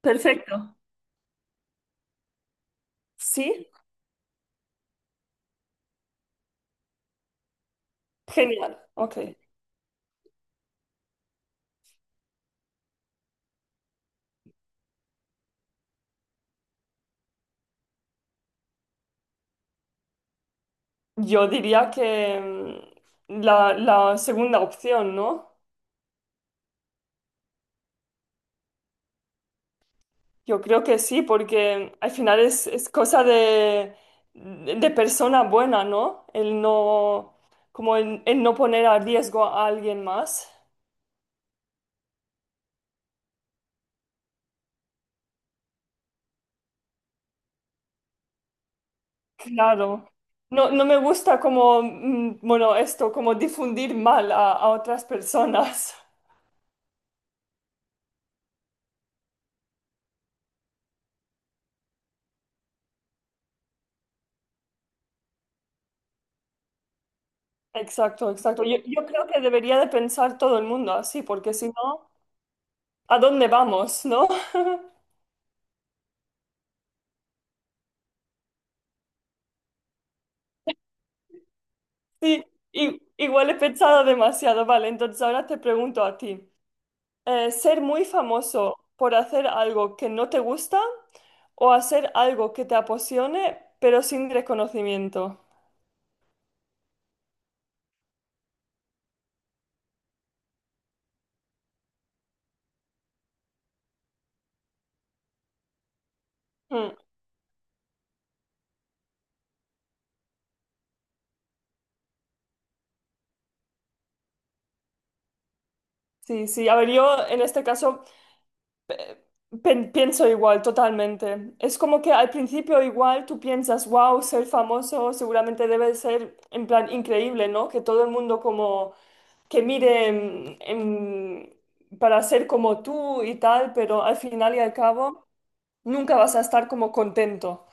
Perfecto. Sí, genial. Ok. Yo diría que la segunda opción, ¿no? Yo creo que sí, porque al final es cosa de persona buena, ¿no? El no, como el no poner a riesgo a alguien más. Claro. No, no me gusta como, bueno, esto, como difundir mal a otras personas. Exacto, exacto. Yo creo que debería de pensar todo el mundo así, porque si no... ¿A dónde vamos, no? Sí, igual he pensado demasiado. Vale, entonces ahora te pregunto a ti. ¿Ser muy famoso por hacer algo que no te gusta o hacer algo que te apasione pero sin reconocimiento? Mm. Sí, sí. A ver, yo en este caso pienso igual, totalmente. Es como que al principio igual tú piensas, wow, ser famoso seguramente debe ser en plan increíble, ¿no? Que todo el mundo como... que mire para ser como tú y tal, pero al final y al cabo nunca vas a estar como contento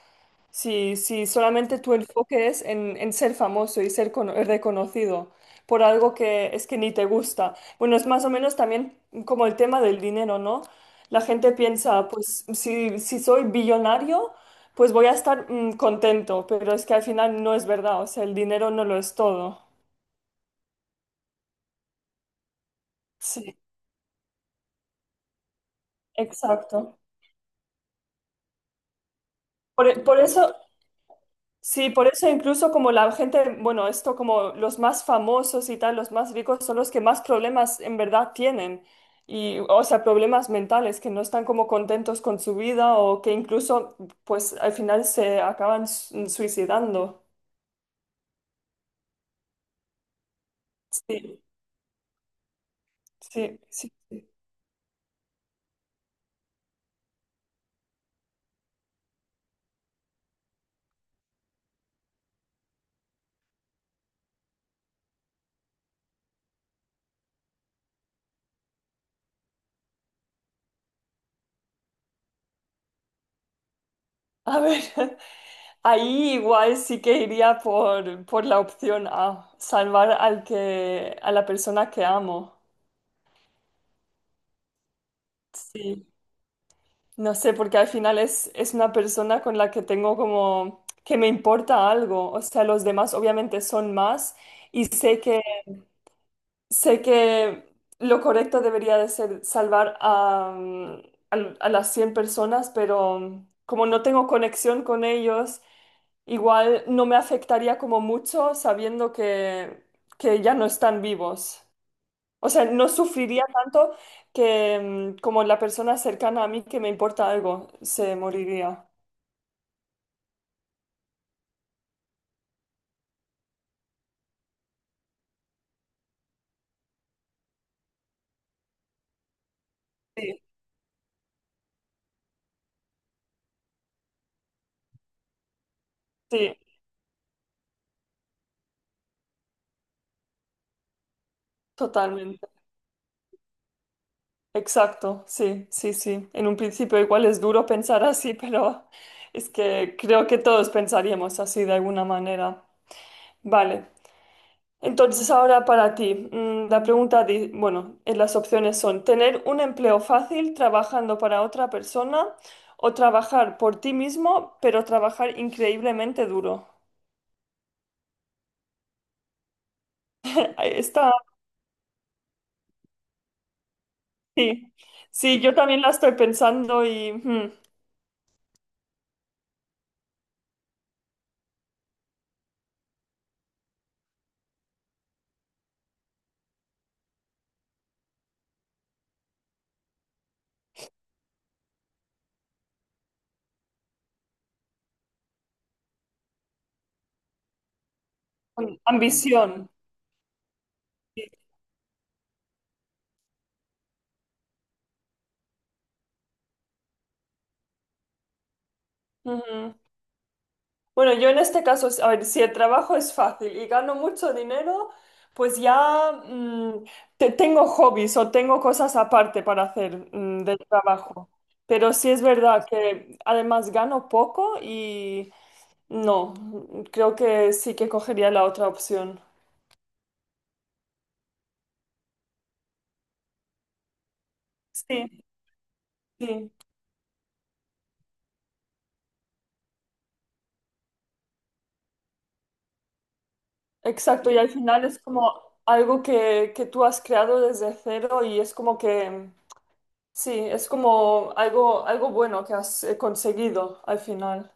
si solamente tu enfoque es en ser famoso y ser reconocido por algo que es que ni te gusta. Bueno, es más o menos también como el tema del dinero, ¿no? La gente piensa, pues si soy billonario, pues voy a estar contento, pero es que al final no es verdad, o sea, el dinero no lo es todo. Sí, exacto. Por eso. Sí, por eso incluso como la gente, bueno, esto como los más famosos y tal, los más ricos son los que más problemas en verdad tienen. Y, o sea, problemas mentales, que no están como contentos con su vida o que incluso, pues, al final se acaban suicidando. Sí, sí, sí, sí. A ver, ahí igual sí que iría por la opción A, salvar al que, a la persona que amo. Sí. No sé, porque al final es una persona con la que tengo como que me importa algo. O sea, los demás obviamente son más y sé que lo correcto debería de ser salvar a las 100 personas, pero como no tengo conexión con ellos, igual no me afectaría como mucho sabiendo que ya no están vivos. O sea, no sufriría tanto que como la persona cercana a mí que me importa algo se moriría. Sí, sí, totalmente. Exacto, sí, sí, sí. En un principio igual es duro pensar así, pero es que creo que todos pensaríamos así de alguna manera. Vale. Entonces, ahora para ti, la pregunta, bueno, las opciones son tener un empleo fácil trabajando para otra persona o trabajar por ti mismo, pero trabajar increíblemente duro. Esta, sí, sí, yo también la estoy pensando y ambición. Sí. Ujú. Bueno, yo en este caso, a ver, si el trabajo es fácil y gano mucho dinero, pues ya tengo hobbies o tengo cosas aparte para hacer del trabajo. Pero sí es verdad que además gano poco y no, creo que sí que cogería la otra opción. Sí, sí, exacto. Y al final es como algo que tú has creado desde cero y es como que, sí, es como algo bueno que has conseguido al final.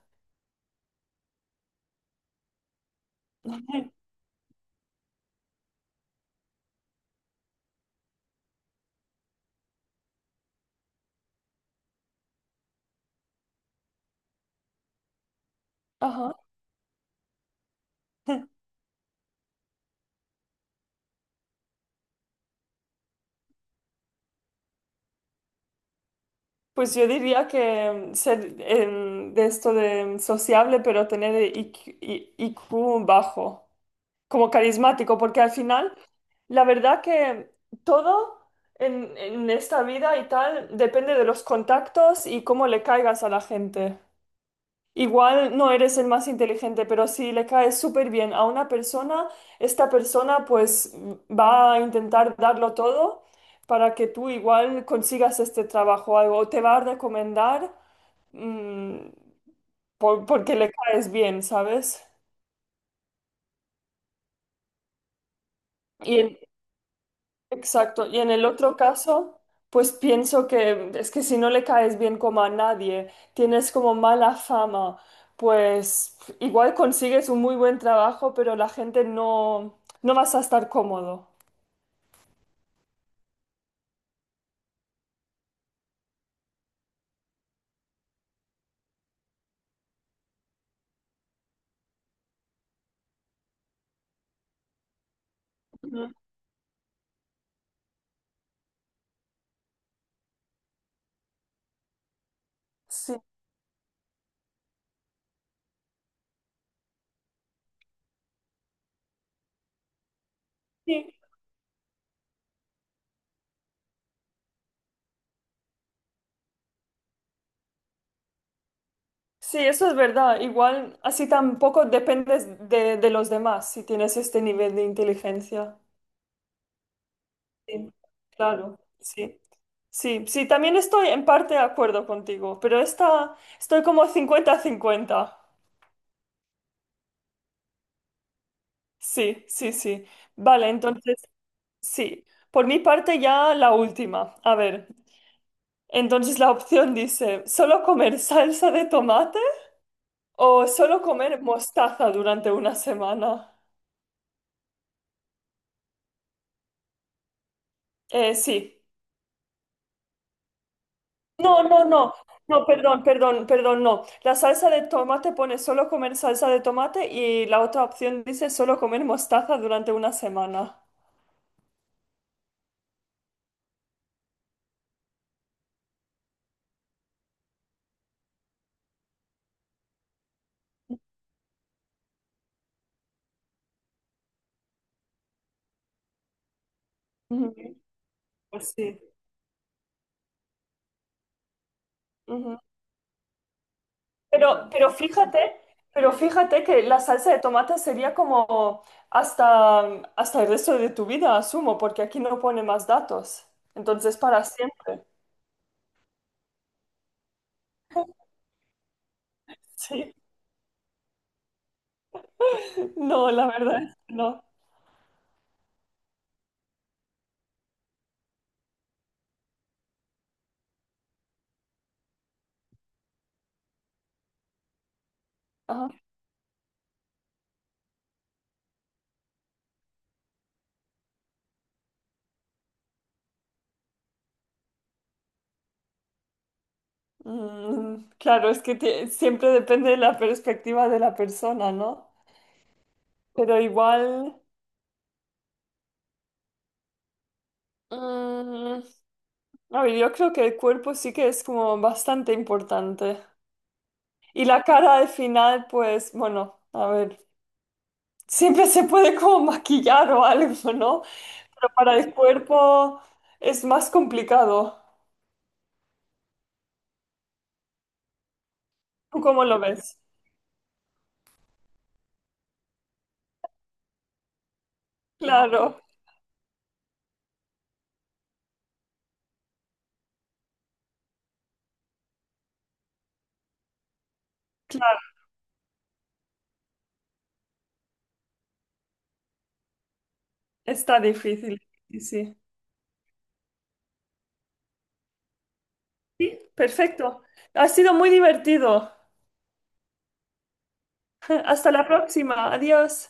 Ajá. Pues yo diría que ser de esto de sociable, pero tener IQ, I Q bajo, como carismático, porque al final, la verdad que todo en esta vida y tal depende de los contactos y cómo le caigas a la gente. Igual no eres el más inteligente, pero si le caes súper bien a una persona, esta persona pues va a intentar darlo todo para que tú igual consigas este trabajo o algo, o te va a recomendar mm, porque le caes bien, ¿sabes? Y, Exacto. Y en el otro caso, pues pienso que es que si no le caes bien como a nadie, tienes como mala fama, pues igual consigues un muy buen trabajo, pero la gente no vas a estar cómodo. Ujú. Sí. Sí, sí, eso es verdad. Igual así tampoco dependes de los demás si tienes este nivel de inteligencia. Sí, claro, sí. Sí, sí, también estoy en parte de acuerdo contigo, pero estoy como 50-50. Sí, sí, sí. Vale, entonces, sí. Por mi parte ya la última. A ver, entonces la opción dice, ¿solo comer salsa de tomate o solo comer mostaza durante una semana? Sí. No, no, no, no, perdón, perdón, perdón, no. La salsa de tomate pone solo comer salsa de tomate y la otra opción dice solo comer mostaza durante una semana. Ujú. Pues sí. Ujú. Pero, pero fíjate, pero fíjate que la salsa de tomate sería como hasta, hasta el resto de tu vida, asumo, porque aquí no pone más datos. Entonces, para siempre. Sí. No, la verdad, no. Ajá. Claro, es que siempre depende de la perspectiva de la persona, ¿no? Pero igual, mm, a ver, yo creo que el cuerpo sí que es como bastante importante. Y la cara al final, pues, bueno, a ver, siempre se puede como maquillar o algo, ¿no? Pero para el cuerpo es más complicado. ¿Tú cómo lo ves? Claro, claro, está difícil. Sí, sí. Sí. Perfecto. Ha sido muy divertido. Hasta la próxima. Adiós.